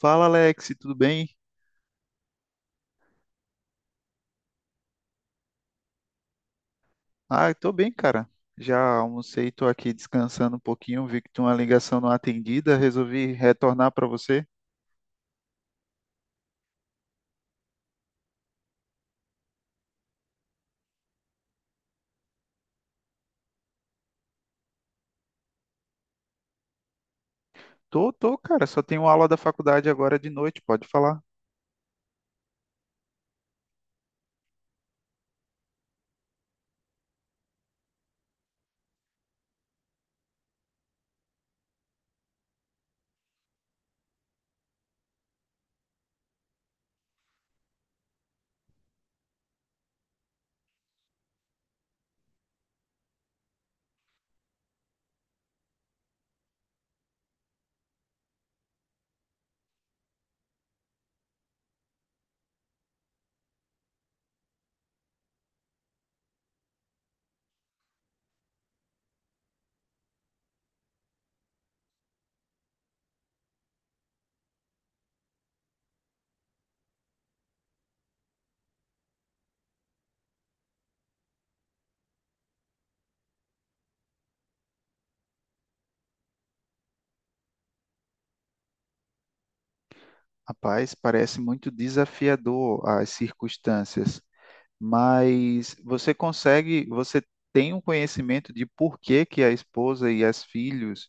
Fala Alex, tudo bem? Ah, eu tô bem, cara. Já almocei, tô aqui descansando um pouquinho, vi que tinha uma ligação não atendida, resolvi retornar para você. Tô, cara, só tenho aula da faculdade agora de noite, pode falar. Rapaz, parece muito desafiador as circunstâncias. Mas você consegue, você tem um conhecimento de por que que a esposa e as filhos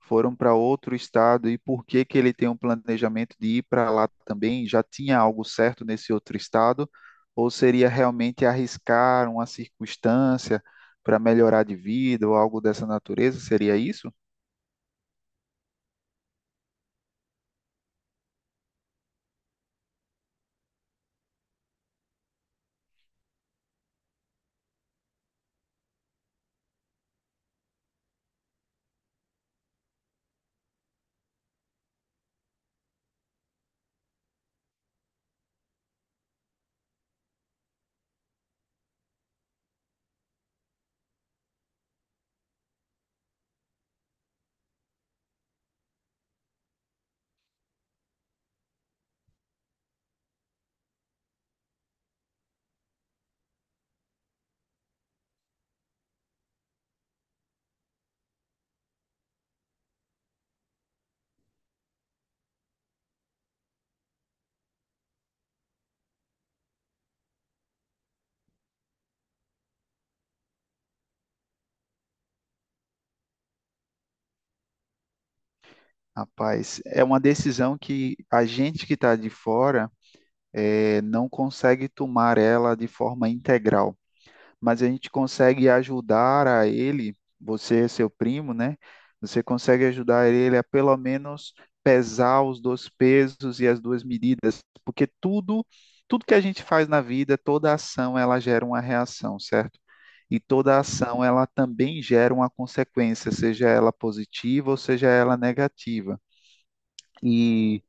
foram para outro estado e por que que ele tem um planejamento de ir para lá também? Já tinha algo certo nesse outro estado? Ou seria realmente arriscar uma circunstância para melhorar de vida ou algo dessa natureza? Seria isso? Rapaz, é uma decisão que a gente que está de fora não consegue tomar ela de forma integral. Mas a gente consegue ajudar a ele, você, seu primo, né? Você consegue ajudar ele a pelo menos pesar os dois pesos e as duas medidas, porque tudo que a gente faz na vida, toda ação, ela gera uma reação, certo? E toda ação, ela também gera uma consequência, seja ela positiva ou seja ela negativa. E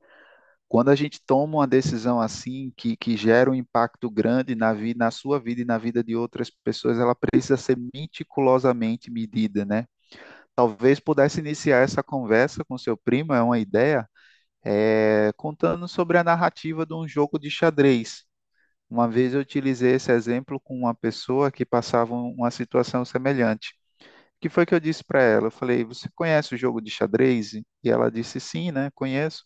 quando a gente toma uma decisão assim, que gera um impacto grande na, na sua vida e na vida de outras pessoas, ela precisa ser meticulosamente medida, né? Talvez pudesse iniciar essa conversa com seu primo, é uma ideia, contando sobre a narrativa de um jogo de xadrez. Uma vez eu utilizei esse exemplo com uma pessoa que passava uma situação semelhante. O que foi que eu disse para ela? Eu falei, você conhece o jogo de xadrez? E ela disse, sim, né? Conheço.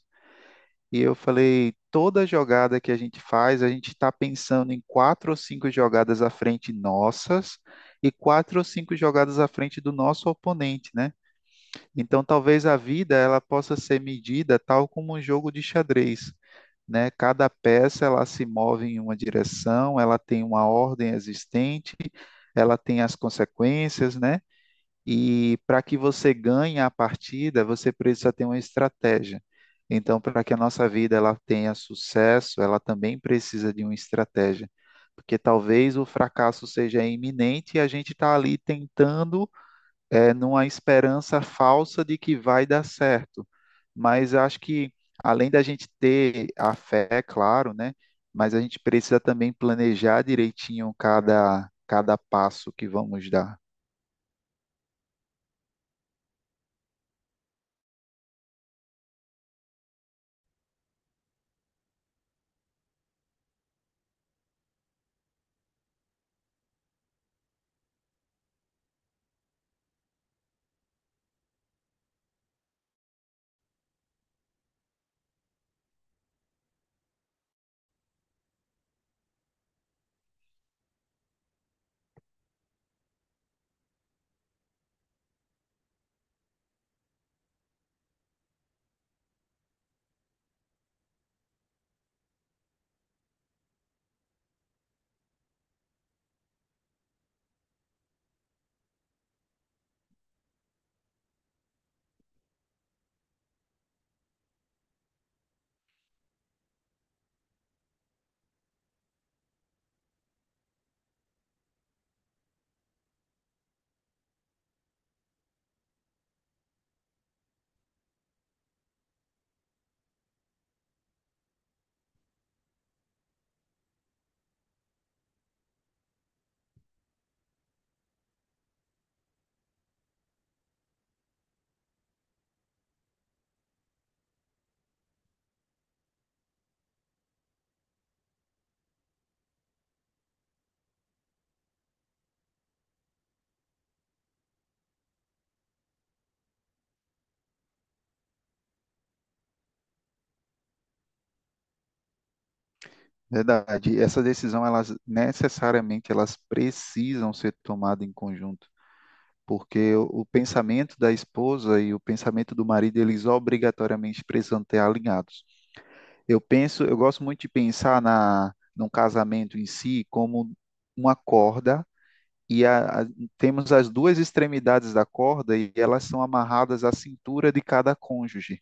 E eu falei, toda jogada que a gente faz, a gente está pensando em quatro ou cinco jogadas à frente nossas e quatro ou cinco jogadas à frente do nosso oponente, né? Então, talvez a vida ela possa ser medida tal como um jogo de xadrez, né? Cada peça ela se move em uma direção, ela tem uma ordem existente, ela tem as consequências, né? E para que você ganhe a partida, você precisa ter uma estratégia. Então, para que a nossa vida ela tenha sucesso, ela também precisa de uma estratégia, porque talvez o fracasso seja iminente e a gente está ali tentando, numa esperança falsa de que vai dar certo. Mas eu acho que além da gente ter a fé, é claro, né? Mas a gente precisa também planejar direitinho cada passo que vamos dar. Verdade. Essa decisão, elas necessariamente elas precisam ser tomadas em conjunto, porque o pensamento da esposa e o pensamento do marido, eles obrigatoriamente precisam ter alinhados. Eu penso, eu gosto muito de pensar na no casamento em si como uma corda e temos as duas extremidades da corda e elas são amarradas à cintura de cada cônjuge.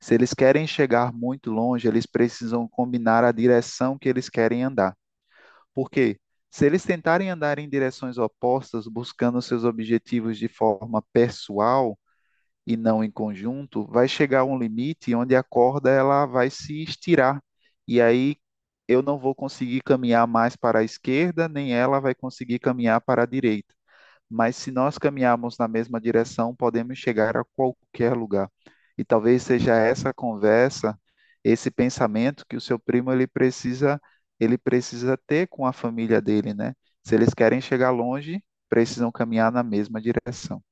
Se eles querem chegar muito longe, eles precisam combinar a direção que eles querem andar. Porque se eles tentarem andar em direções opostas, buscando seus objetivos de forma pessoal e não em conjunto, vai chegar um limite onde a corda ela vai se estirar. E aí eu não vou conseguir caminhar mais para a esquerda, nem ela vai conseguir caminhar para a direita, mas se nós caminharmos na mesma direção, podemos chegar a qualquer lugar. E talvez seja essa conversa, esse pensamento que o seu primo ele precisa ter com a família dele, né? Se eles querem chegar longe, precisam caminhar na mesma direção.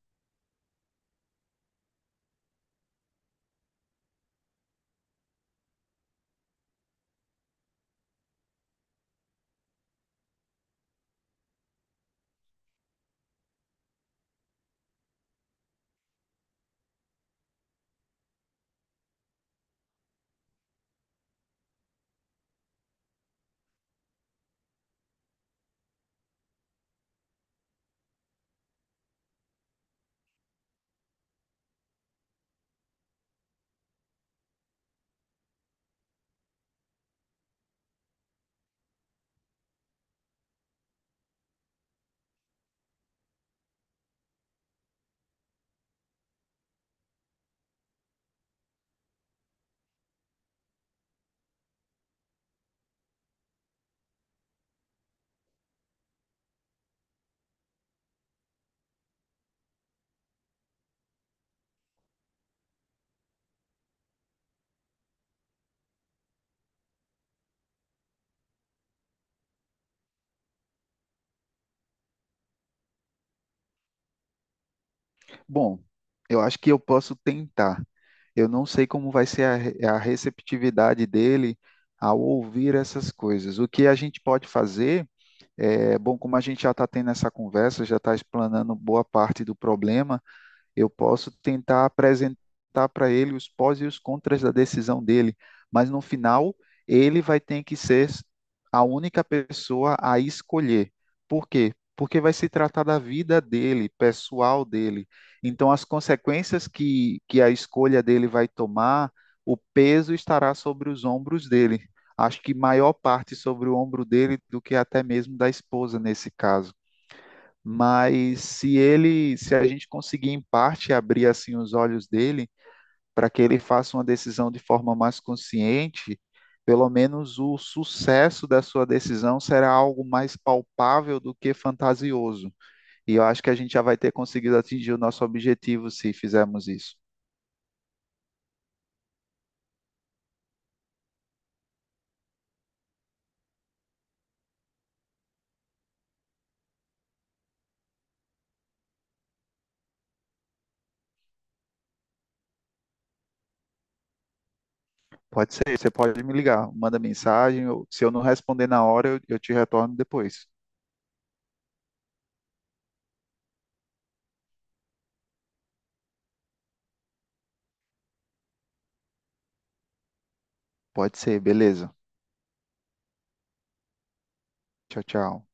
Bom, eu acho que eu posso tentar. Eu não sei como vai ser a receptividade dele ao ouvir essas coisas. O que a gente pode fazer? É, bom, como a gente já está tendo essa conversa, já está explanando boa parte do problema, eu posso tentar apresentar para ele os pós e os contras da decisão dele, mas no final ele vai ter que ser a única pessoa a escolher. Por quê? Porque vai se tratar da vida dele, pessoal dele. Então, as consequências que a escolha dele vai tomar, o peso estará sobre os ombros dele. Acho que maior parte sobre o ombro dele do que até mesmo da esposa nesse caso, mas se ele, se a gente conseguir em parte abrir assim os olhos dele para que ele faça uma decisão de forma mais consciente, pelo menos o sucesso da sua decisão será algo mais palpável do que fantasioso. E eu acho que a gente já vai ter conseguido atingir o nosso objetivo se fizermos isso. Pode ser, você pode me ligar, manda mensagem, se eu não responder na hora, eu te retorno depois. Pode ser, beleza. Tchau, tchau.